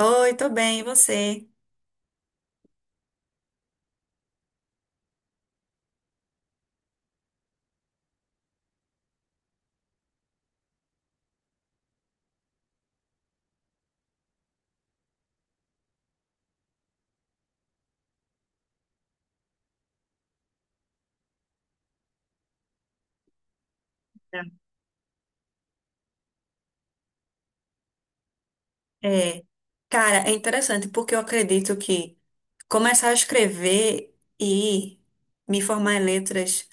Oi, tô bem, e você? É. É, cara, é interessante porque eu acredito que começar a escrever e me formar em letras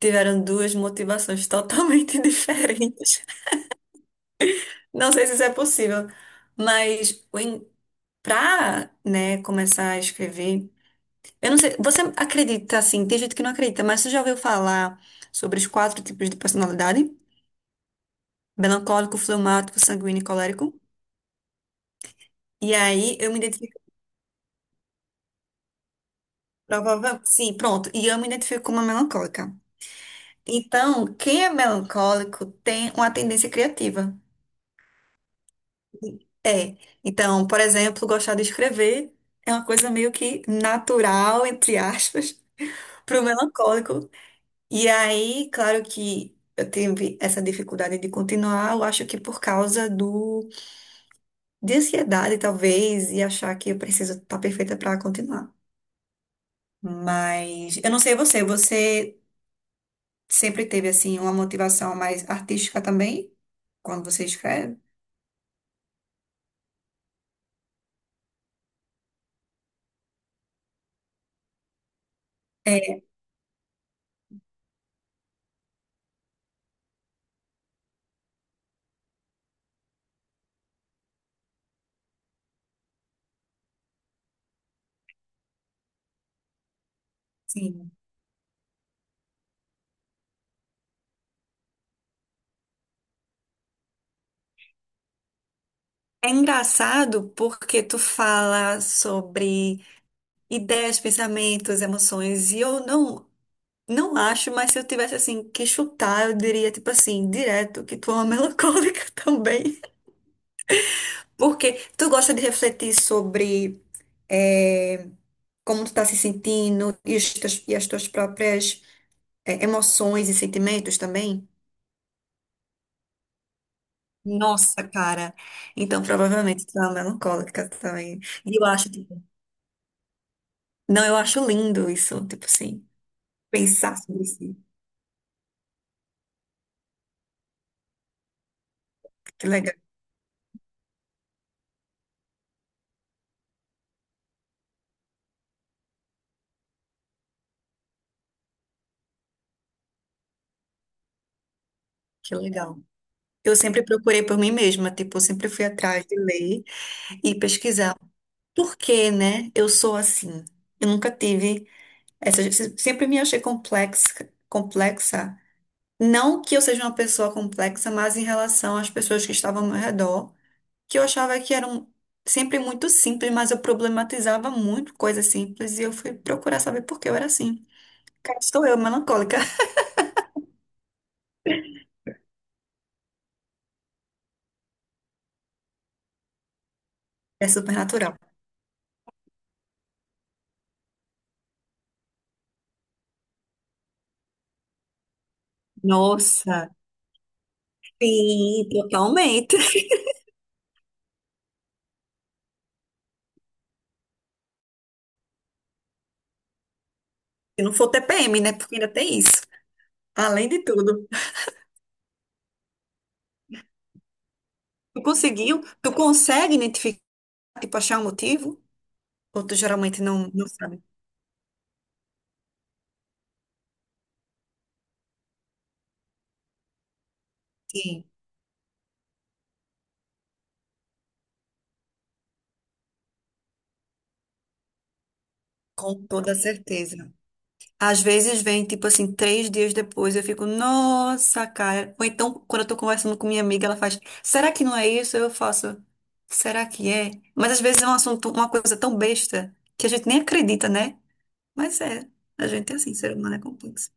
tiveram duas motivações totalmente diferentes. Não sei se isso é possível, mas para, né, começar a escrever, eu não sei, você acredita assim, tem gente que não acredita, mas você já ouviu falar sobre os 4 tipos de personalidade? Melancólico, fleumático, sanguíneo e colérico? E aí eu me identifiquei. Provavelmente, sim, pronto. E eu me identifico como uma melancólica. Então, quem é melancólico tem uma tendência criativa. É. Então, por exemplo, gostar de escrever é uma coisa meio que natural, entre aspas, para o melancólico. E aí, claro que eu tive essa dificuldade de continuar, eu acho que por causa do de ansiedade, talvez, e achar que eu preciso estar perfeita para continuar. Mas eu não sei você, você sempre teve, assim, uma motivação mais artística também, quando você escreve? É. Sim. É engraçado porque tu fala sobre ideias, pensamentos, emoções, e eu não, não acho, mas se eu tivesse assim que chutar, eu diria tipo assim, direto que tu é uma melancólica também. Porque tu gosta de refletir sobre eh, como tu tá se sentindo e as tuas próprias emoções e sentimentos também? Nossa, cara. Então, provavelmente tu é uma melancólica também. E eu acho, tipo, não, eu acho lindo isso, tipo assim, pensar sobre isso. Que legal, que legal. Eu sempre procurei por mim mesma, tipo, eu sempre fui atrás de ler e pesquisar. Por que, né? Eu sou assim. Eu nunca tive essa, sempre me achei complexa, complexa. Não que eu seja uma pessoa complexa, mas em relação às pessoas que estavam ao meu redor. Que eu achava que eram sempre muito simples, mas eu problematizava muito coisas simples e eu fui procurar saber por que eu era assim. Cá estou eu, melancólica. É supernatural. Nossa, sim, totalmente. Se não for TPM, né? Porque ainda tem isso. Além de tudo. Tu conseguiu? Tu consegue identificar, tipo, achar o motivo? Outros geralmente não sabem. Sim, com toda certeza. Às vezes vem, tipo assim, 3 dias depois, eu fico, nossa, cara. Ou então, quando eu tô conversando com minha amiga, ela faz, será que não é isso? Eu faço, será que é? Mas às vezes é um assunto, uma coisa tão besta, que a gente nem acredita, né? Mas é, a gente é assim, ser humano é complexo.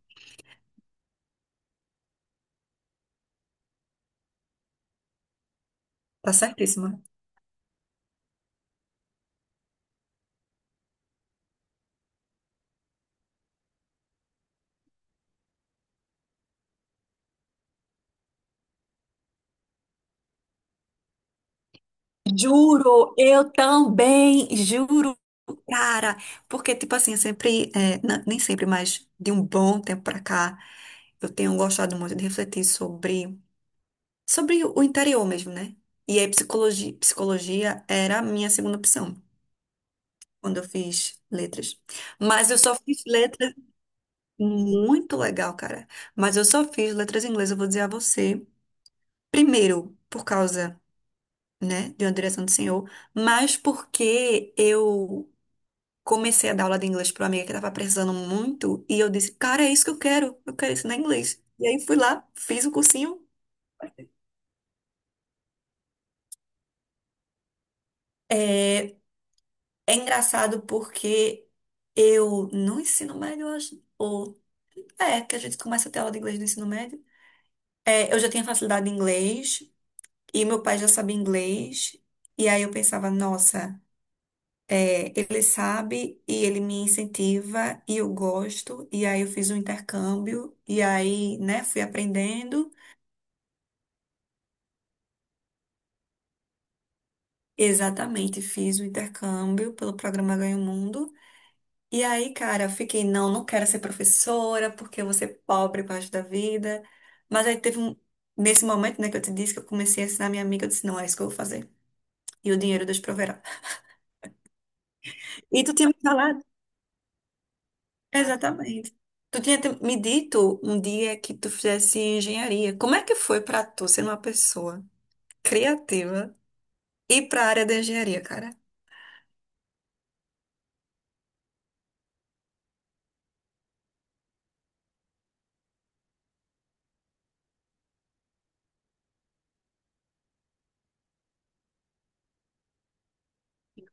Tá certíssima. Juro, eu também, juro, cara. Porque, tipo assim, eu sempre, é, nem sempre, mas de um bom tempo pra cá, eu tenho gostado muito de refletir sobre. Sobre o interior mesmo, né? E aí psicologia era a minha segunda opção quando eu fiz letras. Mas eu só fiz letras muito legal, cara. Mas eu só fiz letras em inglês, eu vou dizer a você, primeiro por causa, né, de uma direção do senhor, mas porque eu comecei a dar aula de inglês para uma amiga que estava precisando muito e eu disse, cara, é isso que eu quero ensinar inglês. E aí fui lá, fiz o cursinho. É. É engraçado porque eu no ensino médio, eu acho, ou é que a gente começa a ter aula de inglês no ensino médio. É, eu já tinha facilidade em inglês e meu pai já sabia inglês. E aí eu pensava, nossa, é, ele sabe e ele me incentiva e eu gosto. E aí eu fiz um intercâmbio e aí, né, fui aprendendo. Exatamente, fiz o intercâmbio pelo programa Ganha o Mundo. E aí, cara, eu fiquei, não, não quero ser professora, porque eu vou ser pobre pro da vida. Mas aí teve um, nesse momento, né, que eu te disse que eu comecei a ensinar minha amiga, eu disse, não, é isso que eu vou fazer. E o dinheiro Deus proverá. E tu tinha me falado? Exatamente. Tu tinha me dito um dia que tu fizesse engenharia. Como é que foi pra tu ser uma pessoa criativa e pra área da engenharia, cara?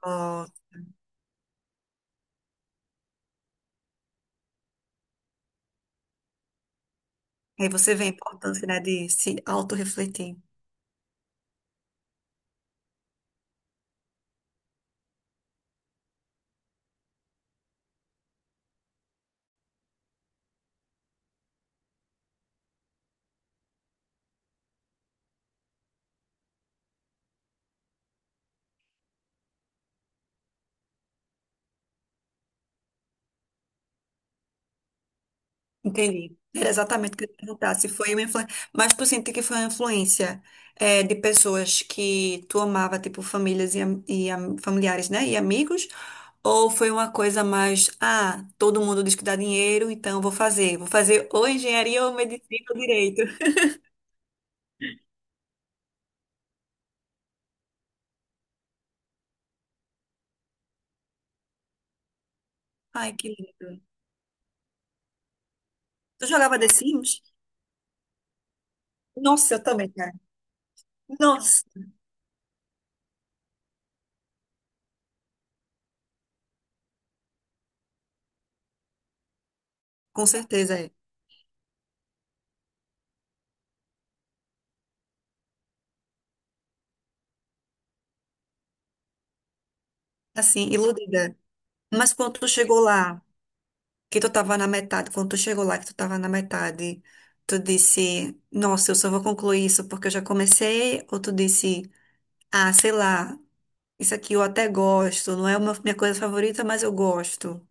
Ó, aí você vê a importância, né, de se autorrefletir. Entendi. Era exatamente o que eu ia perguntar. Se foi uma influência. Mas tu sente que foi uma influência é, de pessoas que tu amava, tipo famílias e familiares, né? E amigos? Ou foi uma coisa mais, ah, todo mundo diz que dá dinheiro, então vou fazer. Vou fazer ou engenharia ou medicina ou direito. Ai, que lindo. Tu jogava The Sims? Nossa, eu também, cara. Nossa, com certeza é. Assim, iludida. Mas quando tu chegou lá. Que tu tava na metade, quando tu chegou lá, que tu tava na metade, tu disse, nossa, eu só vou concluir isso porque eu já comecei, ou tu disse, ah, sei lá, isso aqui eu até gosto, não é uma minha coisa favorita, mas eu gosto,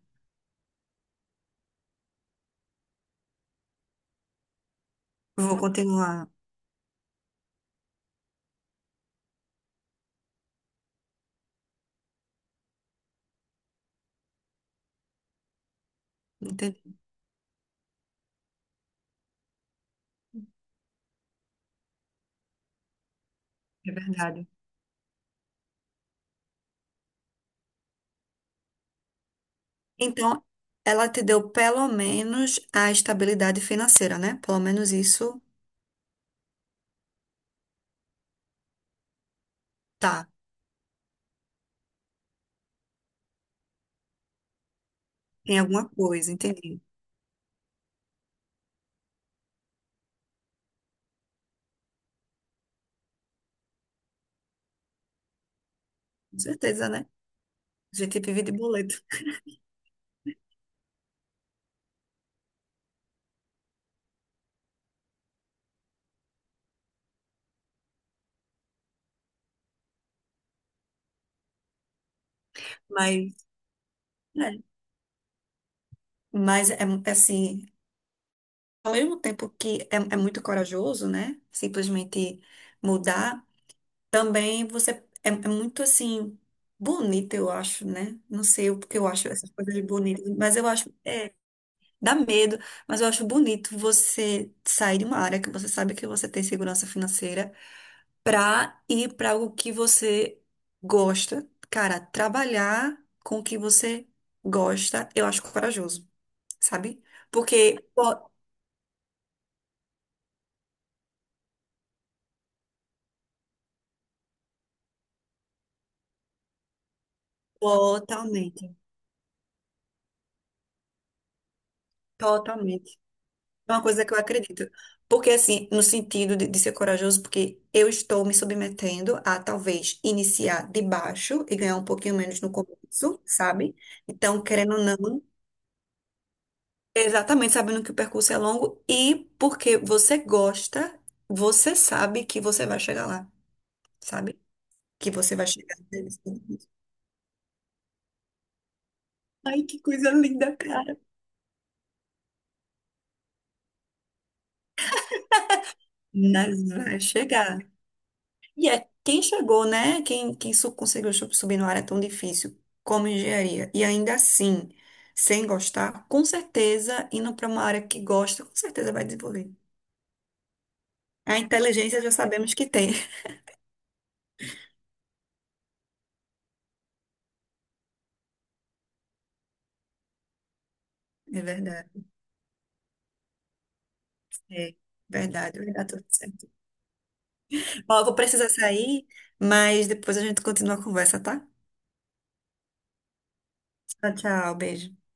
vou continuar. Entendi. É verdade. Então, ela te deu pelo menos a estabilidade financeira, né? Pelo menos isso tá, tem alguma coisa, entendi. Com certeza, né? A gente vive de boleto. Mas, é. Mas é assim, ao mesmo tempo que é muito corajoso, né? Simplesmente mudar, também você. É, é muito assim bonito, eu acho, né? Não sei o que eu acho essas coisas bonitas, mas eu acho é, dá medo, mas eu acho bonito você sair de uma área que você sabe que você tem segurança financeira pra ir pra algo que você gosta. Cara, trabalhar com o que você gosta, eu acho corajoso, sabe? Porque totalmente. Totalmente. É uma coisa que eu acredito. Porque, assim, no sentido de ser corajoso, porque eu estou me submetendo a talvez iniciar de baixo e ganhar um pouquinho menos no começo, sabe? Então, querendo ou não, exatamente sabendo que o percurso é longo e porque você gosta, você sabe que você vai chegar lá, sabe? Que você vai chegar. Ai, que coisa linda, cara. Mas vai chegar. E é quem chegou, né? Quem conseguiu subir numa área tão difícil como engenharia. E ainda assim, sem gostar, com certeza, indo para uma área que gosta, com certeza vai desenvolver. A inteligência já sabemos que tem. É verdade. É verdade, vai dar tudo certo. Ó, eu vou precisar sair, mas depois a gente continua a conversa, tá? Tchau, tchau, beijo.